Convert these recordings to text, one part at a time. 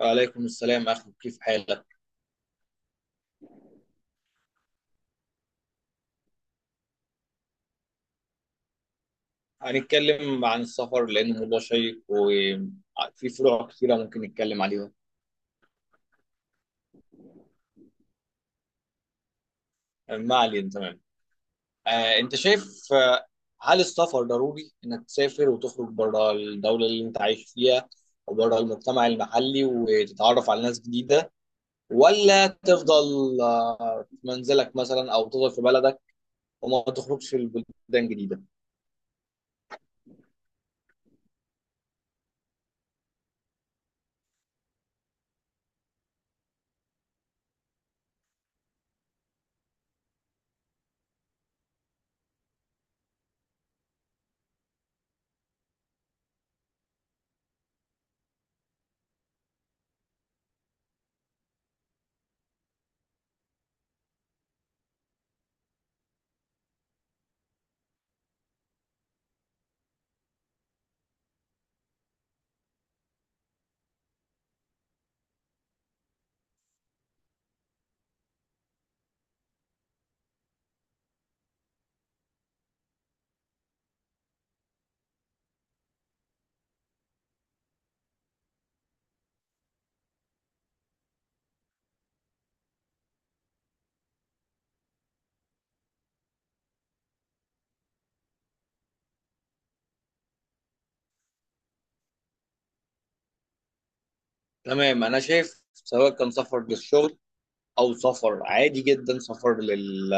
وعليكم السلام أخي، كيف حالك؟ هنتكلم عن السفر لأنه موضوع شيق وفي فروع كثيرة ممكن نتكلم عليها. ما علينا. تمام. أنت شايف هل السفر ضروري إنك تسافر وتخرج بره الدولة اللي أنت عايش فيها وبره المجتمع المحلي وتتعرف على ناس جديدة، ولا تفضل في منزلك مثلا، أو تفضل في بلدك وما تخرجش البلدان جديدة؟ تمام. أنا شايف سواء كان سفر للشغل أو سفر عادي جدا، سفر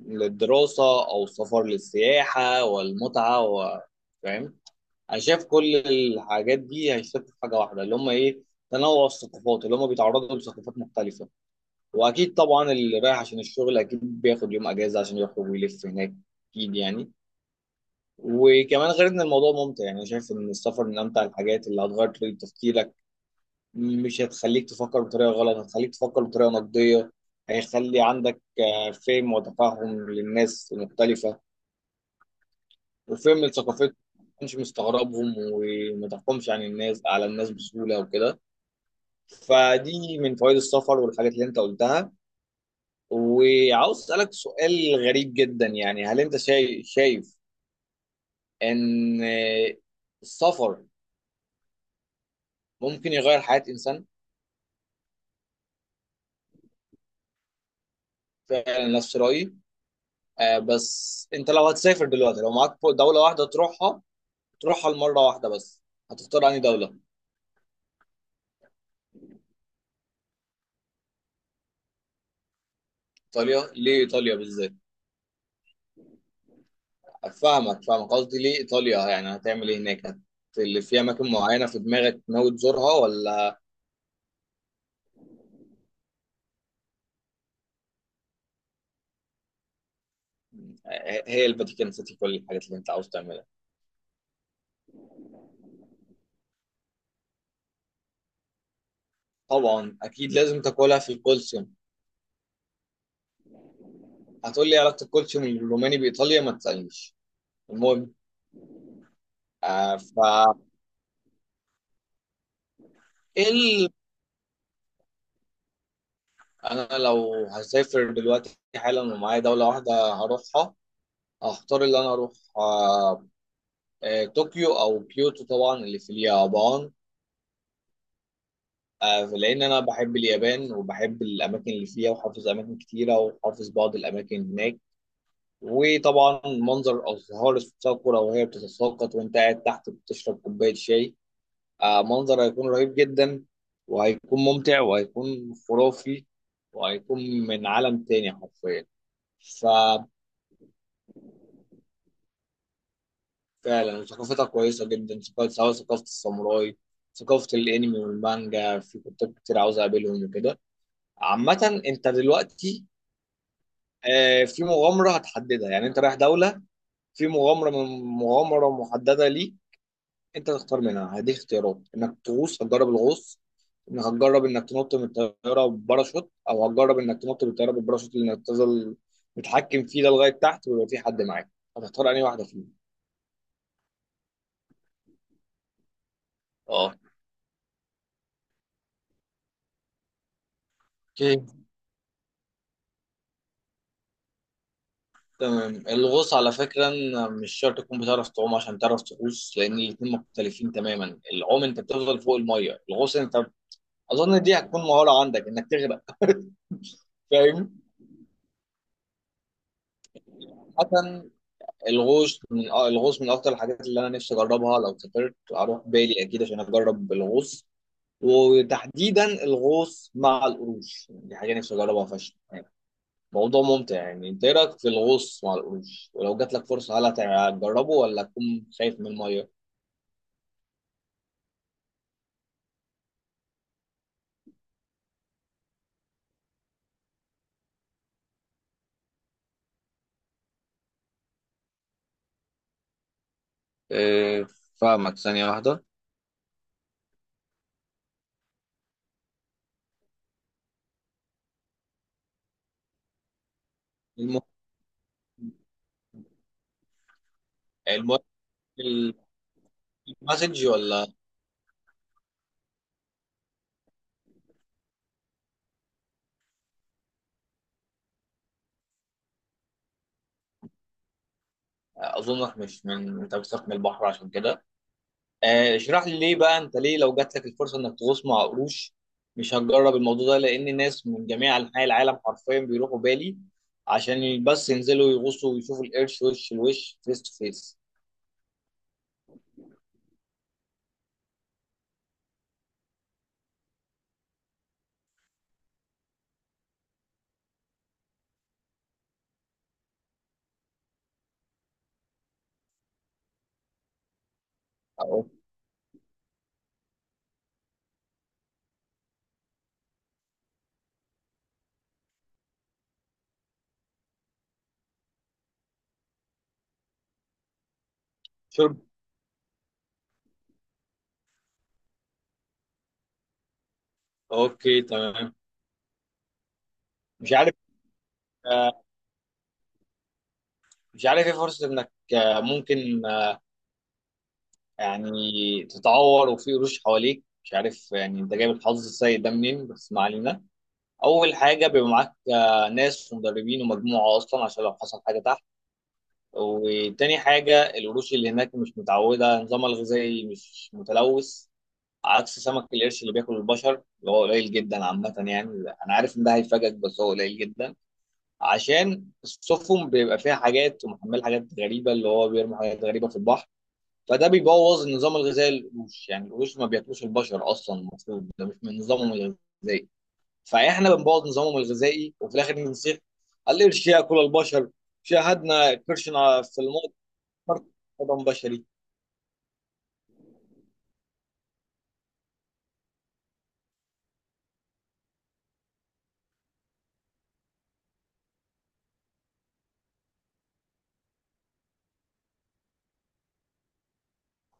للدراسة، أو سفر للسياحة والمتعة فاهم؟ أنا شايف كل الحاجات دي هيشتغلوا في حاجة واحدة اللي هم إيه، تنوع الثقافات، اللي هم بيتعرضوا لثقافات مختلفة. وأكيد طبعا اللي رايح عشان الشغل أكيد بياخد يوم أجازة عشان يخرج ويلف هناك، أكيد يعني. وكمان غير إن الموضوع ممتع، يعني أنا شايف إن السفر من أمتع الحاجات اللي هتغير طريقة تفكيرك. مش هتخليك تفكر بطريقة غلط، هتخليك تفكر بطريقة نقدية، هيخلي عندك فهم وتفهم للناس المختلفة وفهم ثقافتهم، ما تكونش مستغربهم وما تحكمش عن الناس على الناس بسهولة وكده. فدي من فوائد السفر والحاجات اللي انت قلتها. وعاوز اسألك سؤال غريب جدا، يعني هل انت شايف ان السفر ممكن يغير حياة انسان؟ فعلا نفس رأيي. بس انت لو هتسافر دلوقتي، لو معاك دولة واحدة تروحها، تروحها لمرة واحدة بس، هتختار انهي دولة؟ ايطاليا؟ ليه ايطاليا بالذات؟ فاهمك، قصدي ليه ايطاليا، يعني هتعمل ايه هناك؟ اللي في اماكن معينه في دماغك ناوي تزورها ولا؟ هي الفاتيكان سيتي كل الحاجات اللي انت عاوز تعملها؟ طبعا اكيد لازم تاكلها في الكولسيوم. هتقول لي علاقه الكولسيوم الروماني بايطاليا؟ ما تسالنيش. المهم. آه ف إيه ال... انا لو هسافر دلوقتي حالا ومعايا دوله واحده هروحها، هختار اللي انا اروح طوكيو او كيوتو، طبعا اللي في اليابان. لان انا بحب اليابان وبحب الاماكن اللي فيها، وحافظ اماكن كتيره، وحافظ بعض الاماكن هناك. وطبعا منظر الازهار الصقرة وهي بتتساقط وانت قاعد تحت بتشرب كوبايه شاي، منظر هيكون رهيب جدا، وهيكون ممتع، وهيكون خرافي، وهيكون من عالم تاني حرفيا. ففعلا ثقافتها كويسه جدا، سواء ثقافه الساموراي، ثقافه الانمي والمانجا، في كتاب كتير عاوز اقابلهم وكده. عامة انت دلوقتي في مغامرة هتحددها، يعني انت رايح دولة، في مغامرة من مغامرة محددة ليك، انت تختار منها. هديك اختيارات انك تغوص، هتجرب الغوص، انك هتجرب انك تنط من الطيارة بباراشوت، او هتجرب انك تنط من الطيارة بالباراشوت اللي انك تفضل متحكم فيه ده لغاية تحت ويبقى في حد معاك. هتختار انهي واحدة فيهم؟ اه. اوكي، تمام. الغوص على فكرة إن مش شرط تكون بتعرف تعوم عشان تعرف تغوص، لأن الاتنين مختلفين تماما. العوم أنت بتفضل فوق المية، الغوص أنت أظن دي هتكون مهارة عندك إنك تغرق فاهم؟ مثلا الغوص من الغوص من اكتر الحاجات اللي انا نفسي اجربها، لو سافرت اروح بالي اكيد عشان اجرب الغوص. وتحديدا الغوص مع القروش، يعني دي حاجه نفسي اجربها فشخ. موضوع ممتع يعني. انت إيه رايك في الغوص مع القروش؟ ولو جات لك فرصه هل هتجربه ولا تكون خايف من الميه؟ آه، فاهمك. ثانية واحدة. المهم. المهم. المسج ولا؟ اظنك مش من انت بتخاف من البحر عشان كده. اشرح لي ليه بقى، انت ليه لو جات لك الفرصه انك تغوص مع قروش مش هتجرب الموضوع ده؟ لان ناس من جميع انحاء العالم حرفيا بيروحوا بالي عشان بس ينزلوا يغوصوا ويشوفوا القرش وش لوش، فيس تو فيس. اهو. شرب. اوكي، تمام. مش عارف. آه، مش عارف ايه فرصه انك ممكن يعني تتعور وفي قروش حواليك. مش عارف يعني انت جايب الحظ السيء ده منين، بس ما علينا. اول حاجه بيبقى معاك ناس ومدربين ومجموعه اصلا عشان لو حصل حاجه تحت. وتاني حاجة القروش اللي هناك مش متعودة، نظامها الغذائي مش متلوث، عكس سمك القرش اللي بياكل البشر اللي هو قليل جدا عامة يعني. أنا عارف إن ده هيفاجئك بس هو قليل جدا. عشان السفن بيبقى فيها حاجات ومحمل حاجات غريبة، اللي هو بيرمي حاجات غريبة في البحر، فده بيبوظ النظام الغذائي للقروش. يعني القروش ما بياكلوش البشر أصلا، المفروض ده مش من نظامهم الغذائي. فإحنا بنبوظ نظامهم الغذائي، وفي الآخر بنصيح القرش ياكل البشر، شاهدنا قرشنا في الماضي حضن بشري.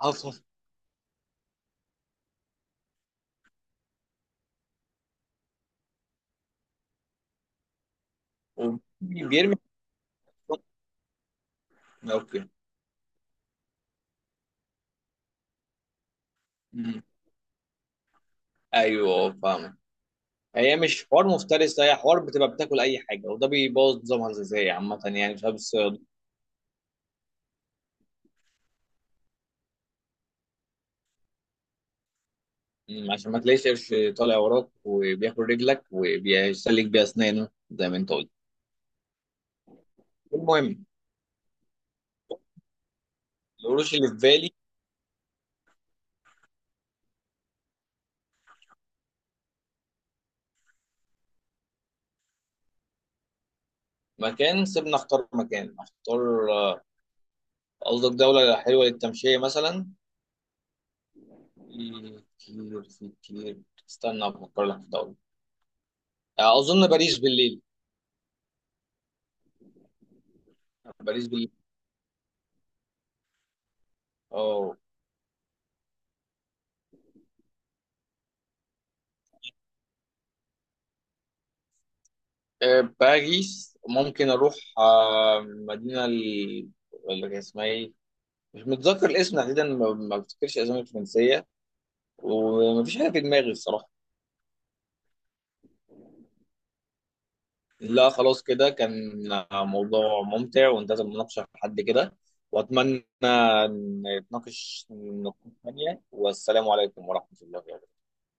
عاصم. بيرمي. اوكي. مم. ايوه فاهم. هي مش حوار مفترس، هي حوار بتبقى بتاكل اي حاجه، وده بيبوظ نظامها الغذائي عامه يعني بسبب الصياد. مم، عشان ما تلاقيش قرش طالع وراك وبياكل رجلك وبيسلك بيها اسنانه زي ما انت قلت. المهم. القروش اللي في بالي. مكان؟ سيبنا اختار مكان. اختار قصدك دوله حلوه للتمشيه مثلا؟ في كتير، في كتير. استنى افكر لك في دوله. اظن باريس بالليل. باريس بال اه. باريس ممكن اروح اللي اسمها ايه، مش متذكر الاسم تحديدا، ما بفتكرش اسامي فرنسيه، ومفيش حاجه في دماغي الصراحه. لا، خلاص كده كان موضوع ممتع. وانتهت المناقشه لحد كده، واتمنى نتناقش في نقاش ثانيه. والسلام عليكم ورحمه الله وبركاته.